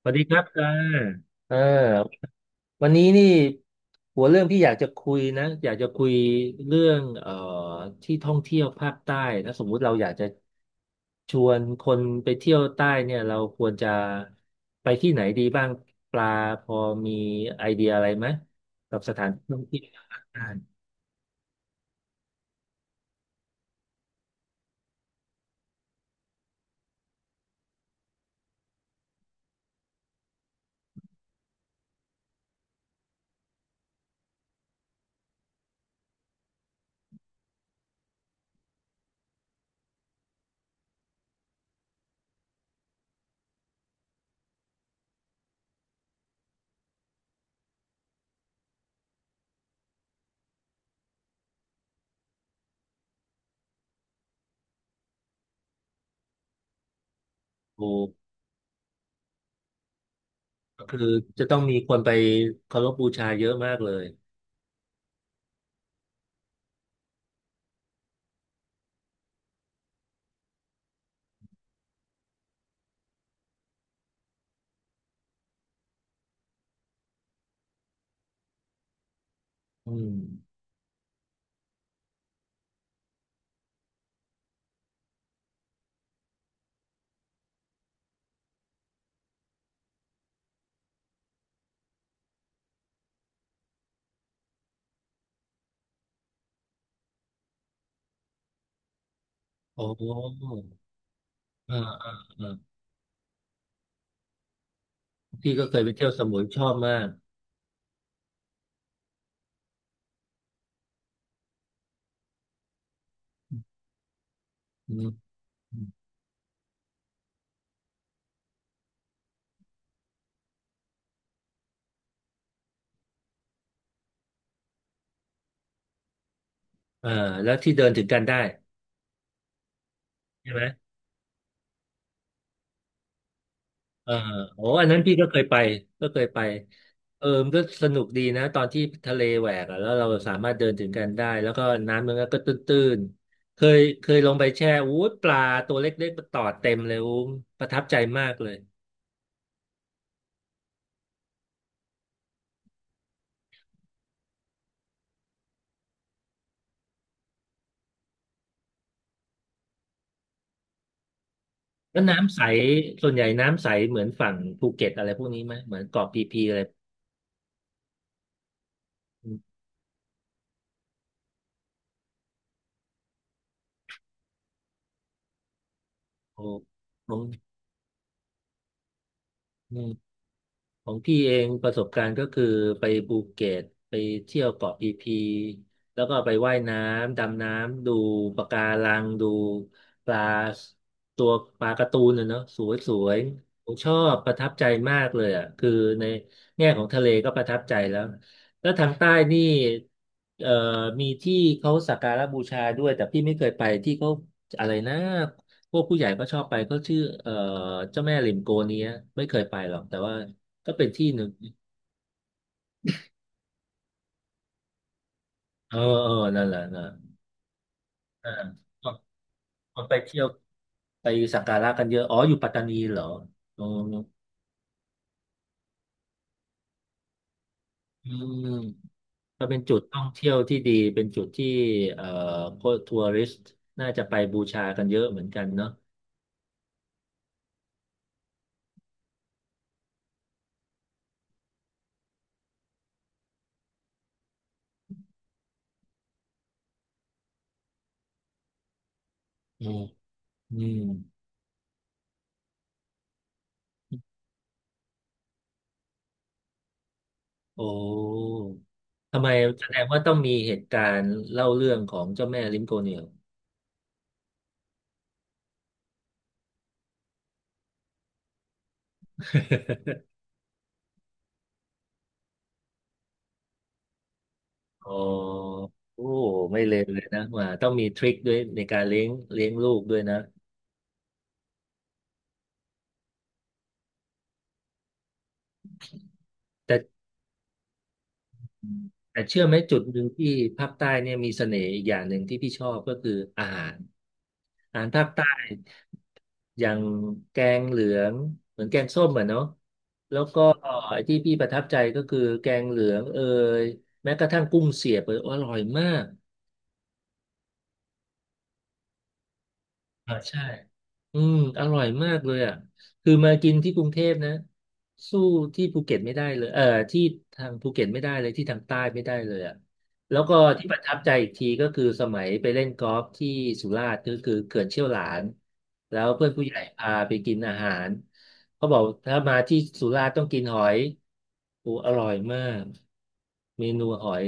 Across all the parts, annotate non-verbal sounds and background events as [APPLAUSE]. สวัสดีครับอ่าวันนี้นี่หัวเรื่องที่อยากจะคุยนะอยากจะคุยเรื่องที่ท่องเที่ยวภาคใต้นะสมมุติเราอยากจะชวนคนไปเที่ยวใต้เนี่ยเราควรจะไปที่ไหนดีบ้างปลาพอมีไอเดียอะไรไหมกับสถานที่ท่องเที่ยวภาคใต้โอ้ก็คือจะต้องมีคนไปเคารพบูชาเยอะมากเลยอืมโอ้โหเอ่าอ่าออพี่ก็เคยไปเที่ยวสมุยชอบมาก อืมเอ่อแล้วที่เดินถึงกันได้ใช่ไหมเออโอ้อันนั้นพี่ก็เคยไปก็เคยไปเออมันก็สนุกดีนะตอนที่ทะเลแหวกอะแล้วเราสามารถเดินถึงกันได้แล้วก็น้ำมันก็ตื้นๆเคยลงไปแช่อู้ยปลาตัวเล็กๆมาตอดเต็มเลยอู้มประทับใจมากเลยแล้วน้ำใสส่วนใหญ่น้ำใสเหมือนฝั่งภูเก็ตอะไรพวกนี้ไหมเหมือนเกาะพีพีอะไรโอ้โห ของพี่เองประสบการณ์ก็คือไปภูเก็ตไปเที่ยวเกาะพีพีแล้วก็ไปว่ายน้ำดำน้ำดูปะการังดูปลาตัวปลาการ์ตูนนะเนาะสวยสวยผมชอบประทับใจมากเลยอ่ะคือในแง่ของทะเลก็ประทับใจแล้วทางใต้นี่เอ่อมีที่เขาสักการะบูชาด้วยแต่พี่ไม่เคยไปที่เขาอะไรนะพวกผู้ใหญ่ก็ชอบไปเขาชื่อเจ้าแม่ริมโกเนี้ยไม่เคยไปหรอกแต่ว่า ก็เป็นที่หนึ่งเออเออนั่นแหละนะอ่าคนคนไปเที่ยวไปสักการะกันเยอะ อ๋ออยู่ปัตตานีเหรออ๋ออืมก็เป็นจุดท่องเที่ยวที่ดี เป็นจุดที่เอ่อพวกทัวริสต์น่าจะไปบูชากันเยอะเหมือนกันเนาะอืมอืมโอ้ทำไมแสดงว่าต้องมีเหตุการณ์เล่าเรื่องของเจ้าแม่ลิมโกเนียลอ๋อโอ้ไม่เลวเลยนะว่าต้องมีทริคด้วยในการเลี้ยงลูกด้วยนะแต่ แต่เชื่อไหมจุดหนึ่งที่ภาคใต้เนี่ยมีเสน่ห์อีกอย่างหนึ่งที่พี่ชอบก็คืออาหารอาหารภาคใต้อย่างแกงเหลืองเหมือนแกงส้มอ่ะเนาะแล้วก็ไอ้ที่พี่ประทับใจก็คือแกงเหลืองเอยแม้กระทั่งกุ้งเสียบเอยอร่อยมาก อ่าใช่อืมอร่อยมากเลยอ่ะคือมากินที่กรุงเทพนะสู้ที่ภูเก็ตไม่ได้เลยที่ทางภูเก็ตไม่ได้เลยที่ทางใต้ไม่ได้เลยอ่ะแล้วก็ที่ประทับใจอีกทีก็คือสมัยไปเล่นกอล์ฟที่สุราษฎร์ก็คือเขื่อนเชี่ยวหลานแล้วเพื่อนผู้ใหญ่พาไปกินอาหารเขาบอกถ้ามาที่สุราษฎร์ต้องกินหอยโอ้อร่อยมากเมนูหอย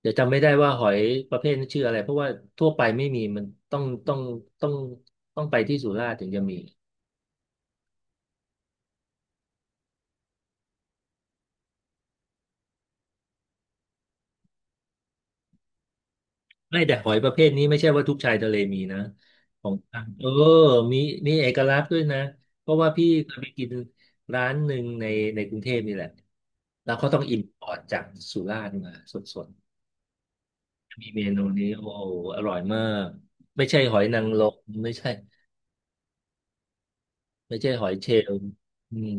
เดี๋ยวจำไม่ได้ว่าหอยประเภทนั้นชื่ออะไรเพราะว่าทั่วไปไม่มีมันต้องต้องต้องต้องไปที่สุราษฎร์ถึงจะมีไม่แต่หอยประเภทนี้ไม่ใช่ว่าทุกชายทะเลมีนะของทางมีมีเอกลักษณ์ด้วยนะเพราะว่าพี่เคยไปกินร้านหนึ่งในกรุงเทพนี่แหละแล้วเขาต้องอิมพอร์ตจากสุราษฎร์มาสดๆมีเมนูนี้โอ้โหอร่อยมากไม่ใช่หอยนางรมไม่ใช่ไม่ใช่หอยเชลล์อืม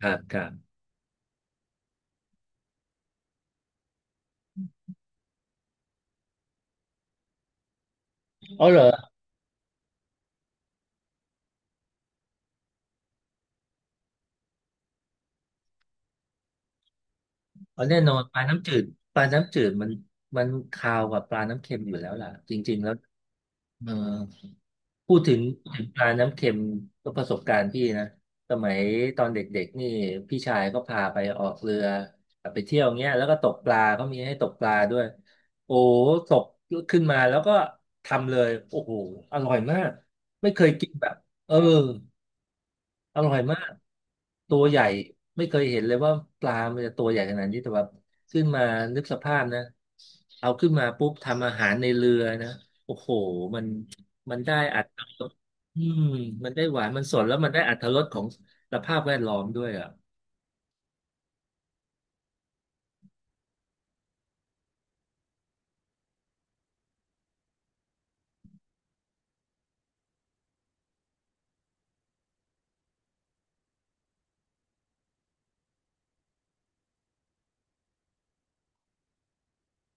ครับครับอ๋อเหรอ อ๋อแน่นอนปลาน้ำจืดปลาน้ำจืดมันมันคาวกว่าปลาน้ำเค็มอยู่แล้วล่ะจริงๆแล้วเออพูดถึงปลาน้ำเค็มก็ประสบการณ์พี่นะสมัยตอนเด็กๆนี่พี่ชายก็พาไปออกเรือไปเที่ยวเงี้ยแล้วก็ตกปลาเขามีให้ตกปลาด้วยโอ้ตกขึ้นมาแล้วก็ทำเลยโอ้โหอร่อยมากไม่เคยกินแบบเออ อร่อยมาก ตัวใหญ่ไม่เคยเห็นเลยว่าปลามันจะตัวใหญ่ขนาดนี้แต่ว่าขึ้นมานึกสภาพนะเอาขึ้นมาปุ๊บทำอาหารในเรือนะโอ้โห มันมันได้อัตรสอืมมันได้หวานมันสดแล้วมันได้อัตรสของสภาพแวดล้อมด้วยอ่ะ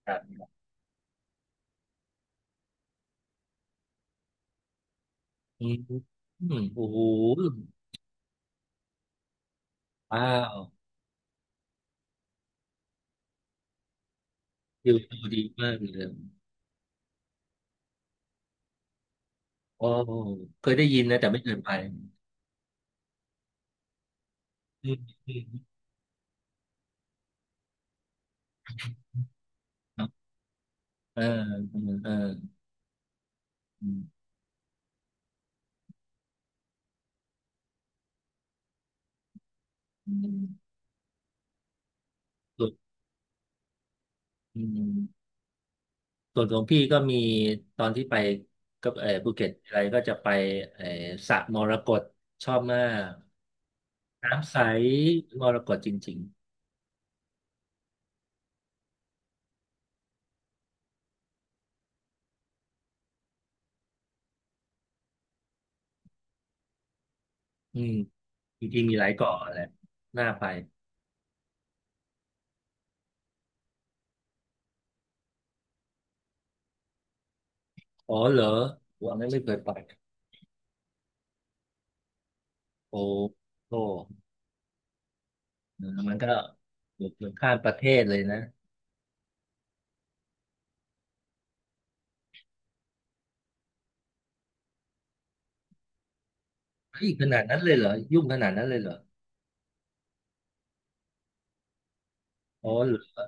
ครับอืมอืมโอ้โหว้าววิวดดีมากเลยโอ้เคยได้ยินนะแต่ไม่เคยไปอืมอืมครับเออเออเอออืมสุดอืม ส่วนของพี่ก็มีตอนที่ไปกับภูเก็ตอะไรก็จะไปเออสระมรกตชอบมากน้ำใสมรกตจริงๆอืมจริงๆมีหลายเกาะแหละน่าไปอ๋อเหรอวันนั้นไม่เคยไปโอ้โหมันก็อยู่เกือบข้ามประเทศเลยนะเฮ้ยขนาดนั้นเลยเหรอยุ่งขนาดนั้นเลยเหรออ๋อเหรอ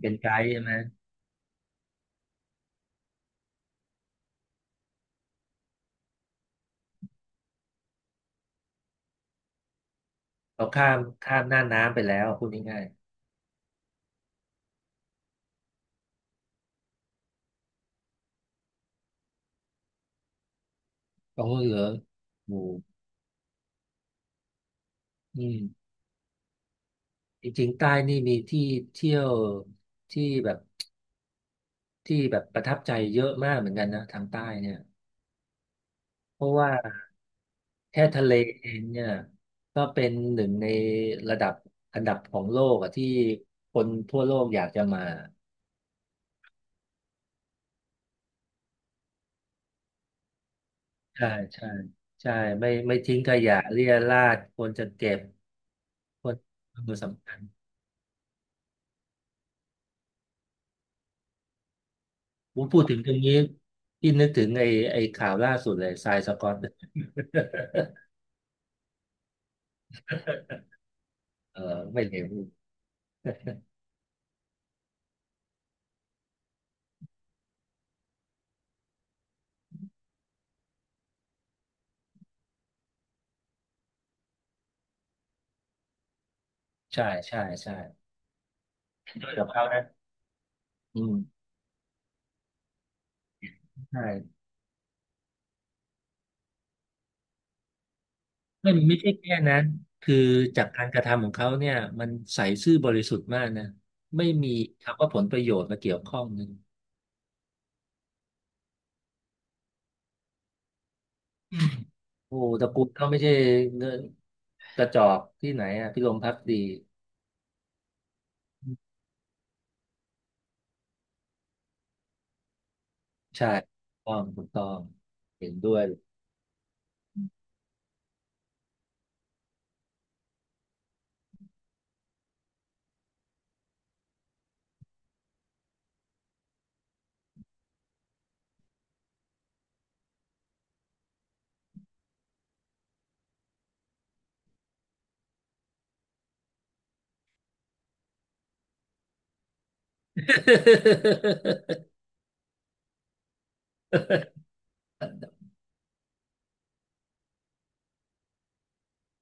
เป็นไกด์ใช่ไหมเขาข้ามหน้าน้ำไปแล้วพูดง่ายๆอ๋อเหรอโอ้อืม จริงๆใต้นี่มีที่เที่ยวที่แบบที่แบบประทับใจเยอะมากเหมือนกันนะทางใต้เนี่ยเพราะว่าแค่ทะเลเองเนี่ยก็เป็นหนึ่งในระดับอันดับของโลกอะที่คนทั่วโลกอยากจะมาใช่ใช่ใช่ไม่ทิ้งขยะเรี่ยราดควรจะเก็บควรควรสำคัญผมพูดถึงตรงนี้ที่นึกถึงไอ้ข่าวล่าสุดเลยทรายสกอต [LAUGHS] เออไม่เลวใช่ใช่ใช่ด้วยกับเขานะอืม ใช่ไม่ใช่แค่นั้นคือจากการกระทำของเขาเนี่ยมันใสซื่อบริสุทธิ์มากนะไม่มีคำว่าผลประโยชน์มาเกี่ยวข้องนึงโอ้ตระกูลเขาไม่ใช่เงินกระจอกที่ไหนอ่ะพิรมพักดีใช่ถูกต้องถูกต้องเห็นด้วย [LAUGHS]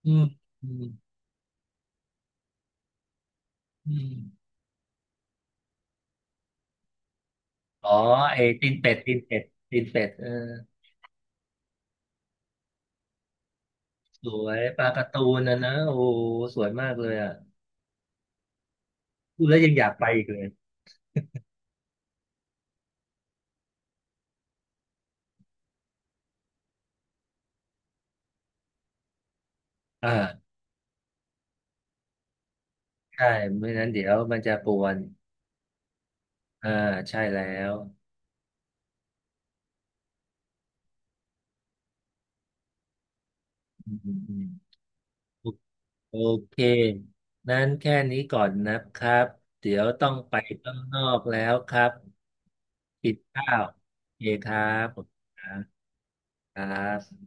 อืมอืมอืมอ๋อไอ้ตีนเป็ดตีนเป็ดตีนเป็ดเออสวยปลาการ์ตูนนะนะโอ้โหสวยมากเลยอ่ะพูดแล้วยังอยากไปอีกเลยอ่า ใช่ไม่งั้นเดี๋ยวมันจะปวนอ่าใช่แล้วอืมอืมอืมโอเค นั้นแค่นี้ก่อนนะครับ เดี๋ยวต้องไปข้างนอกแล้วครับปิดข้าวโอเคครับขอบคุณครับครับ